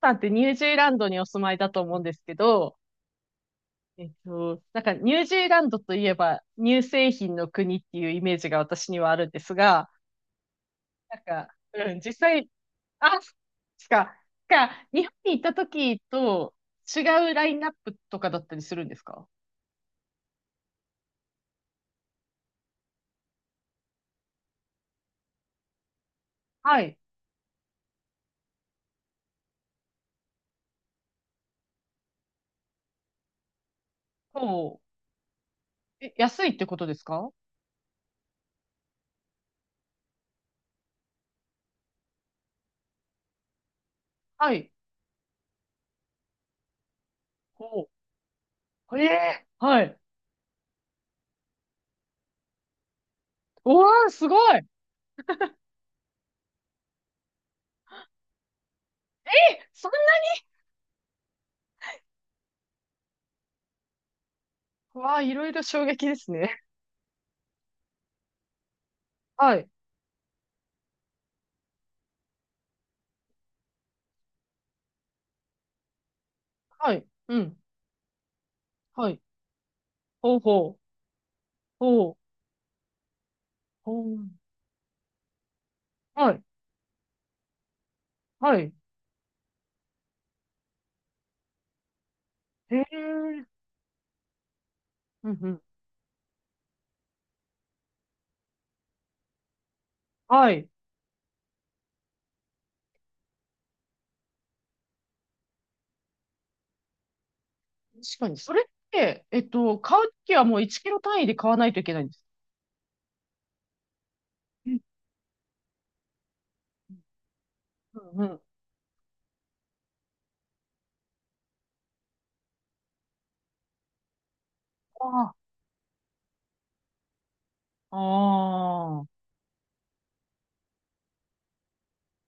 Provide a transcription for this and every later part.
さんってニュージーランドにお住まいだと思うんですけど、なんかニュージーランドといえば乳製品の国っていうイメージが私にはあるんですが、なんか、うん、実際、あ、しか、か、日本に行った時と違うラインナップとかだったりするんですか？はい。ほう。え、安いってことですか？はい。ほう。ええ、はい。おー、すごい。え、そんな、わあ、いろいろ衝撃ですね。はい。はい。うん。はい。ほうほう。おう、おう、はい、はい。へえ、うんうん。はい。確かに。それって、買うときはもう1キロ単位で買わないといけないんですうんうん。うんうん。ああ、ああ。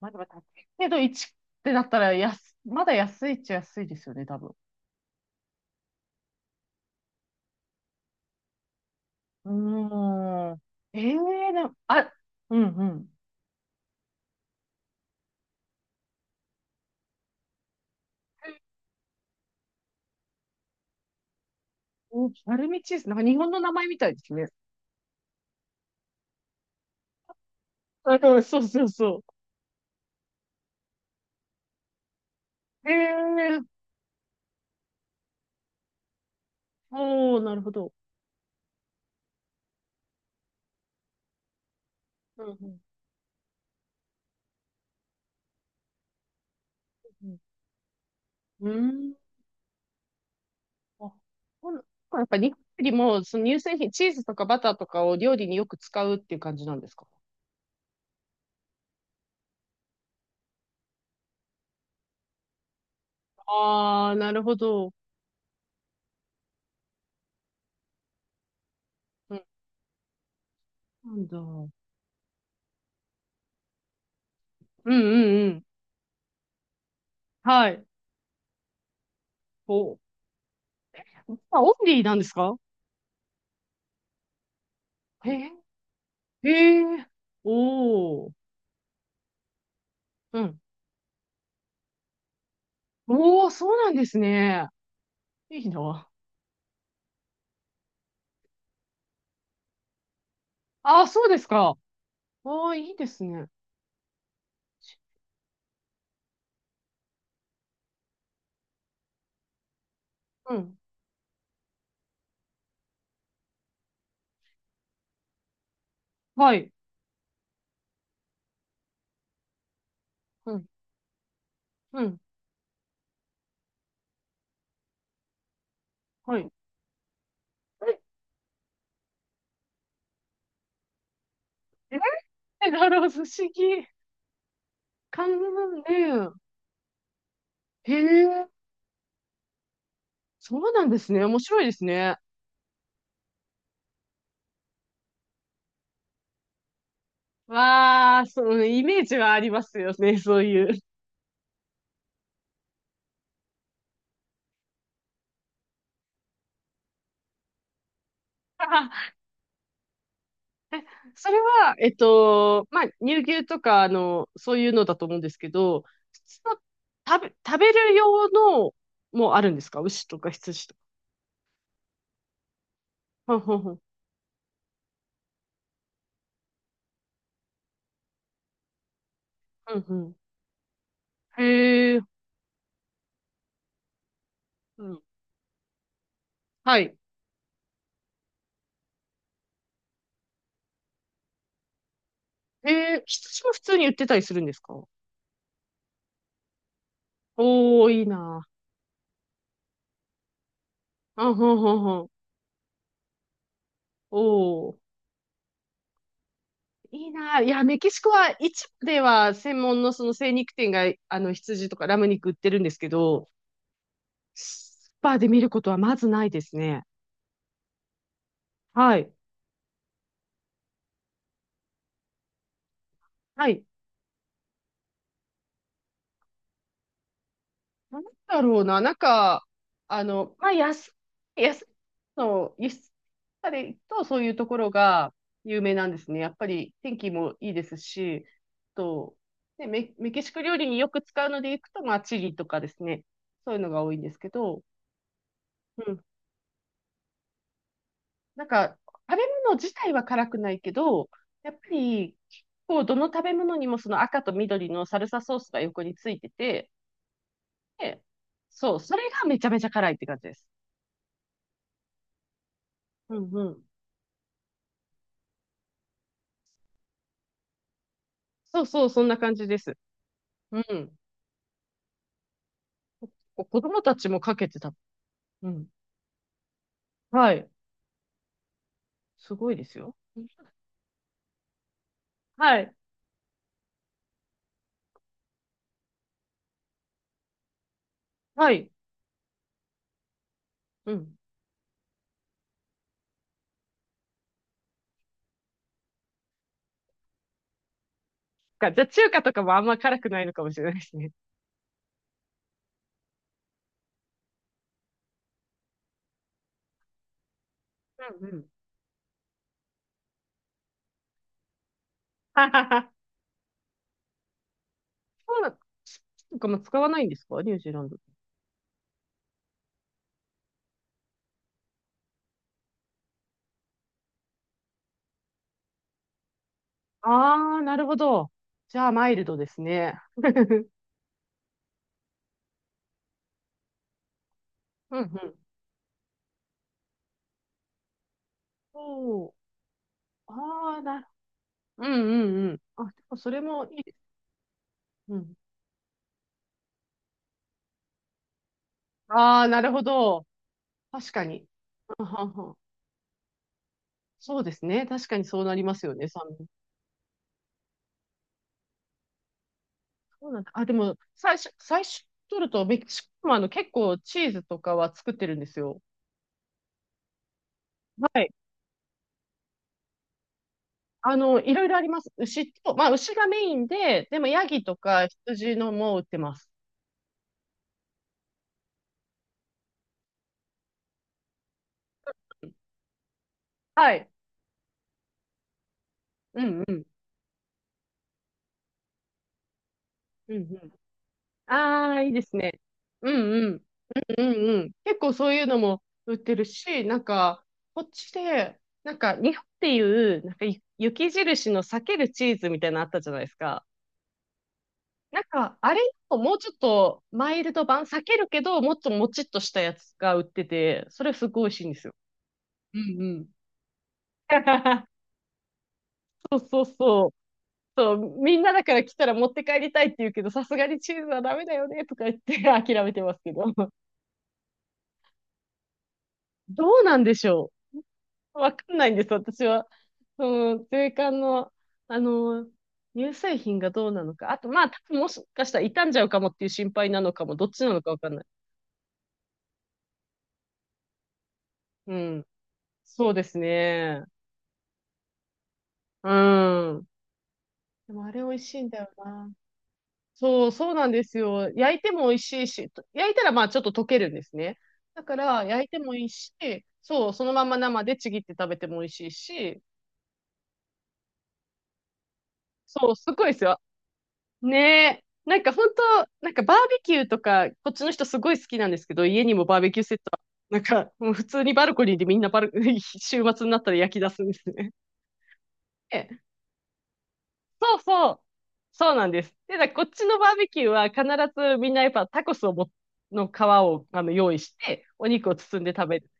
まあでも高いけど1ってなったら、まだ安いっちゃ安いですよね、多分。うーん。ええな、あ、うんうん。お、丸ルミチーズ。なんか日本の名前みたいですね。あ、そうそうそうそう。ええー、おー、なるほど。うんうん。うん。あ、ほん、なんかやっぱり日本よりも、その乳製品、チーズとかバターとかを料理によく使うっていう感じなんですか？ああー、なるほど。うん。なんだ。うんうんうん。はい。お、あ、オンリーなんですか？へえ、へえ、おー。うん。おー、そうなんですね。いいな。あー、そうですか。ああ、いいですね。うん。はい。うん。うん。はい。え、え、なるほど、不思議。かんねえ。へえ。そうなんですね。面白いですね。わあ、そのイメージはありますよね、そういう。あ、それは、まあ、乳牛とか、そういうのだと思うんですけど、普通の食べる用のもあるんですか？牛とか羊とか。ふんふんふん。ふんうん。へえ、うん。はい。へえ、羊も普通に売ってたりするんですか？おー、いいな。うん、ふんふんふん。おー。いいな。いや、メキシコは市場では専門のその精肉店が、羊とかラム肉売ってるんですけど、スーパーで見ることはまずないですね。はい。はい。なんだろうな。なんか、まあ、安の輸出されると、そういうところが有名なんですね。やっぱり天気もいいですし、と、ね、メキシコ料理によく使うのでいくと、まあ、チリとかですね。そういうのが多いんですけど、なんか、食べ物自体は辛くないけど、やっぱり、こう、どの食べ物にもその赤と緑のサルサソースが横についてて、で、そう、それがめちゃめちゃ辛いって感じです。うんうん。そうそう、そんな感じです。うん。子供たちもかけてた。うん。はい。すごいですよ。はい。はい。うん。じゃあ中華とかもあんま辛くないのかもしれないですね。うんうん。ははは。そうなの。とかも使わないんですか、ニュージーランド？ああ、なるほど。じゃあ、マイルドですね。うんうん。そう。ああ、なる。うんうんうん。あ、でもそれもいいです。うん。ああ、なるほど。確かに。あはは。そうですね。確かにそうなりますよね、酸味。そうなんだ。あ、でも、最初取ると、メキシコも結構チーズとかは作ってるんですよ。はい。いろいろあります。牛と、まあ、牛がメインで、でも、ヤギとか羊のも売ってます。はい。うんうん。うんうん。ああ、いいですね。うんうん。うんうん。結構そういうのも売ってるし、なんか、こっちで、なんか、日本っていう、なんか、雪印の裂けるチーズみたいなのあったじゃないですか。なんか、あれのもうちょっとマイルド版、裂けるけど、もっともちっとしたやつが売ってて、それすごい美味しいんですよ。うんうん。そうそうそう。そう、みんなだから来たら持って帰りたいって言うけど、さすがにチーズはダメだよね、とか言って諦めてますけど。どうなんでしょう、わかんないんです、私は。その、税関の、あの、乳製品がどうなのか。あと、まあ、多分もしかしたら傷んじゃうかもっていう心配なのかも、どっちなのかわかんない。うん。そうですね。うん。でも、あれ美味しいんだよな。そう、そうなんですよ。焼いても美味しいし、と焼いたらまあちょっと溶けるんですね。だから、焼いてもいいし、そう、そのまま生でちぎって食べても美味しいし、そう、すごいですよ。ねえ。なんか本当、なんかバーベキューとか、こっちの人すごい好きなんですけど、家にもバーベキューセットあ、なんか、もう普通にバルコニーでみんな週末になったら焼き出すんですね。え、そうそう。そうなんです。で、だからこっちのバーベキューは必ずみんなやっぱタコスをも、の皮を用意して、お肉を包んで食べる。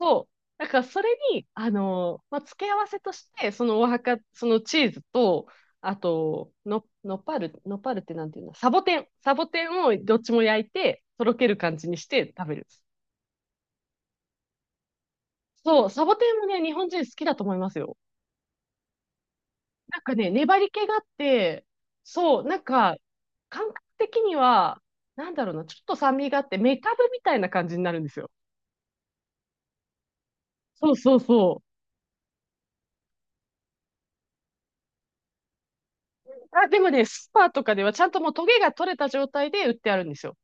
そう。だからそれに、まあ、付け合わせとして、そのお墓、そのチーズと、あと、の、のパぱのっぱってなんていうの、サボテン。サボテンをどっちも焼いて、とろける感じにして食べる。そう、サボテンもね、日本人好きだと思いますよ。なんかね、粘り気があって、そう、なんか、感覚的には、なんだろうな、ちょっと酸味があって、メカブみたいな感じになるんですよ。そうそうそう。あ、でもね、スーパーとかではちゃんともうトゲが取れた状態で売ってあるんですよ。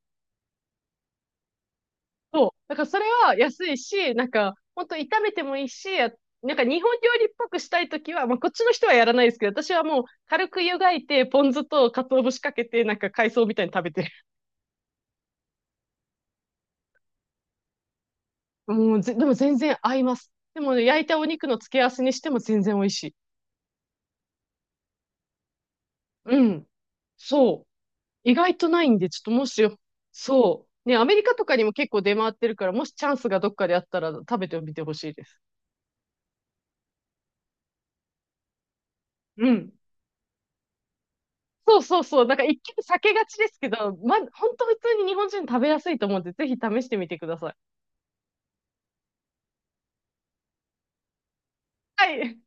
そう。だからそれは安いし、なんか、ほんと炒めてもいいし、なんか日本料理っぽくしたいときは、まあこっちの人はやらないですけど、私はもう軽く湯がいて、ポン酢と鰹節かけて、なんか海藻みたいに食べてる。もうぜ、でも全然合います。でもね、焼いたお肉の付け合わせにしても全然美味しい。うん。そう。意外とないんで、ちょっともしよ、そう。ね、アメリカとかにも結構出回ってるから、もしチャンスがどっかであったら食べてみてほしいです。うん。そうそうそう。なんか一見避けがちですけど、ま、本当普通に日本人食べやすいと思うんで、ぜひ試してみてください。はい。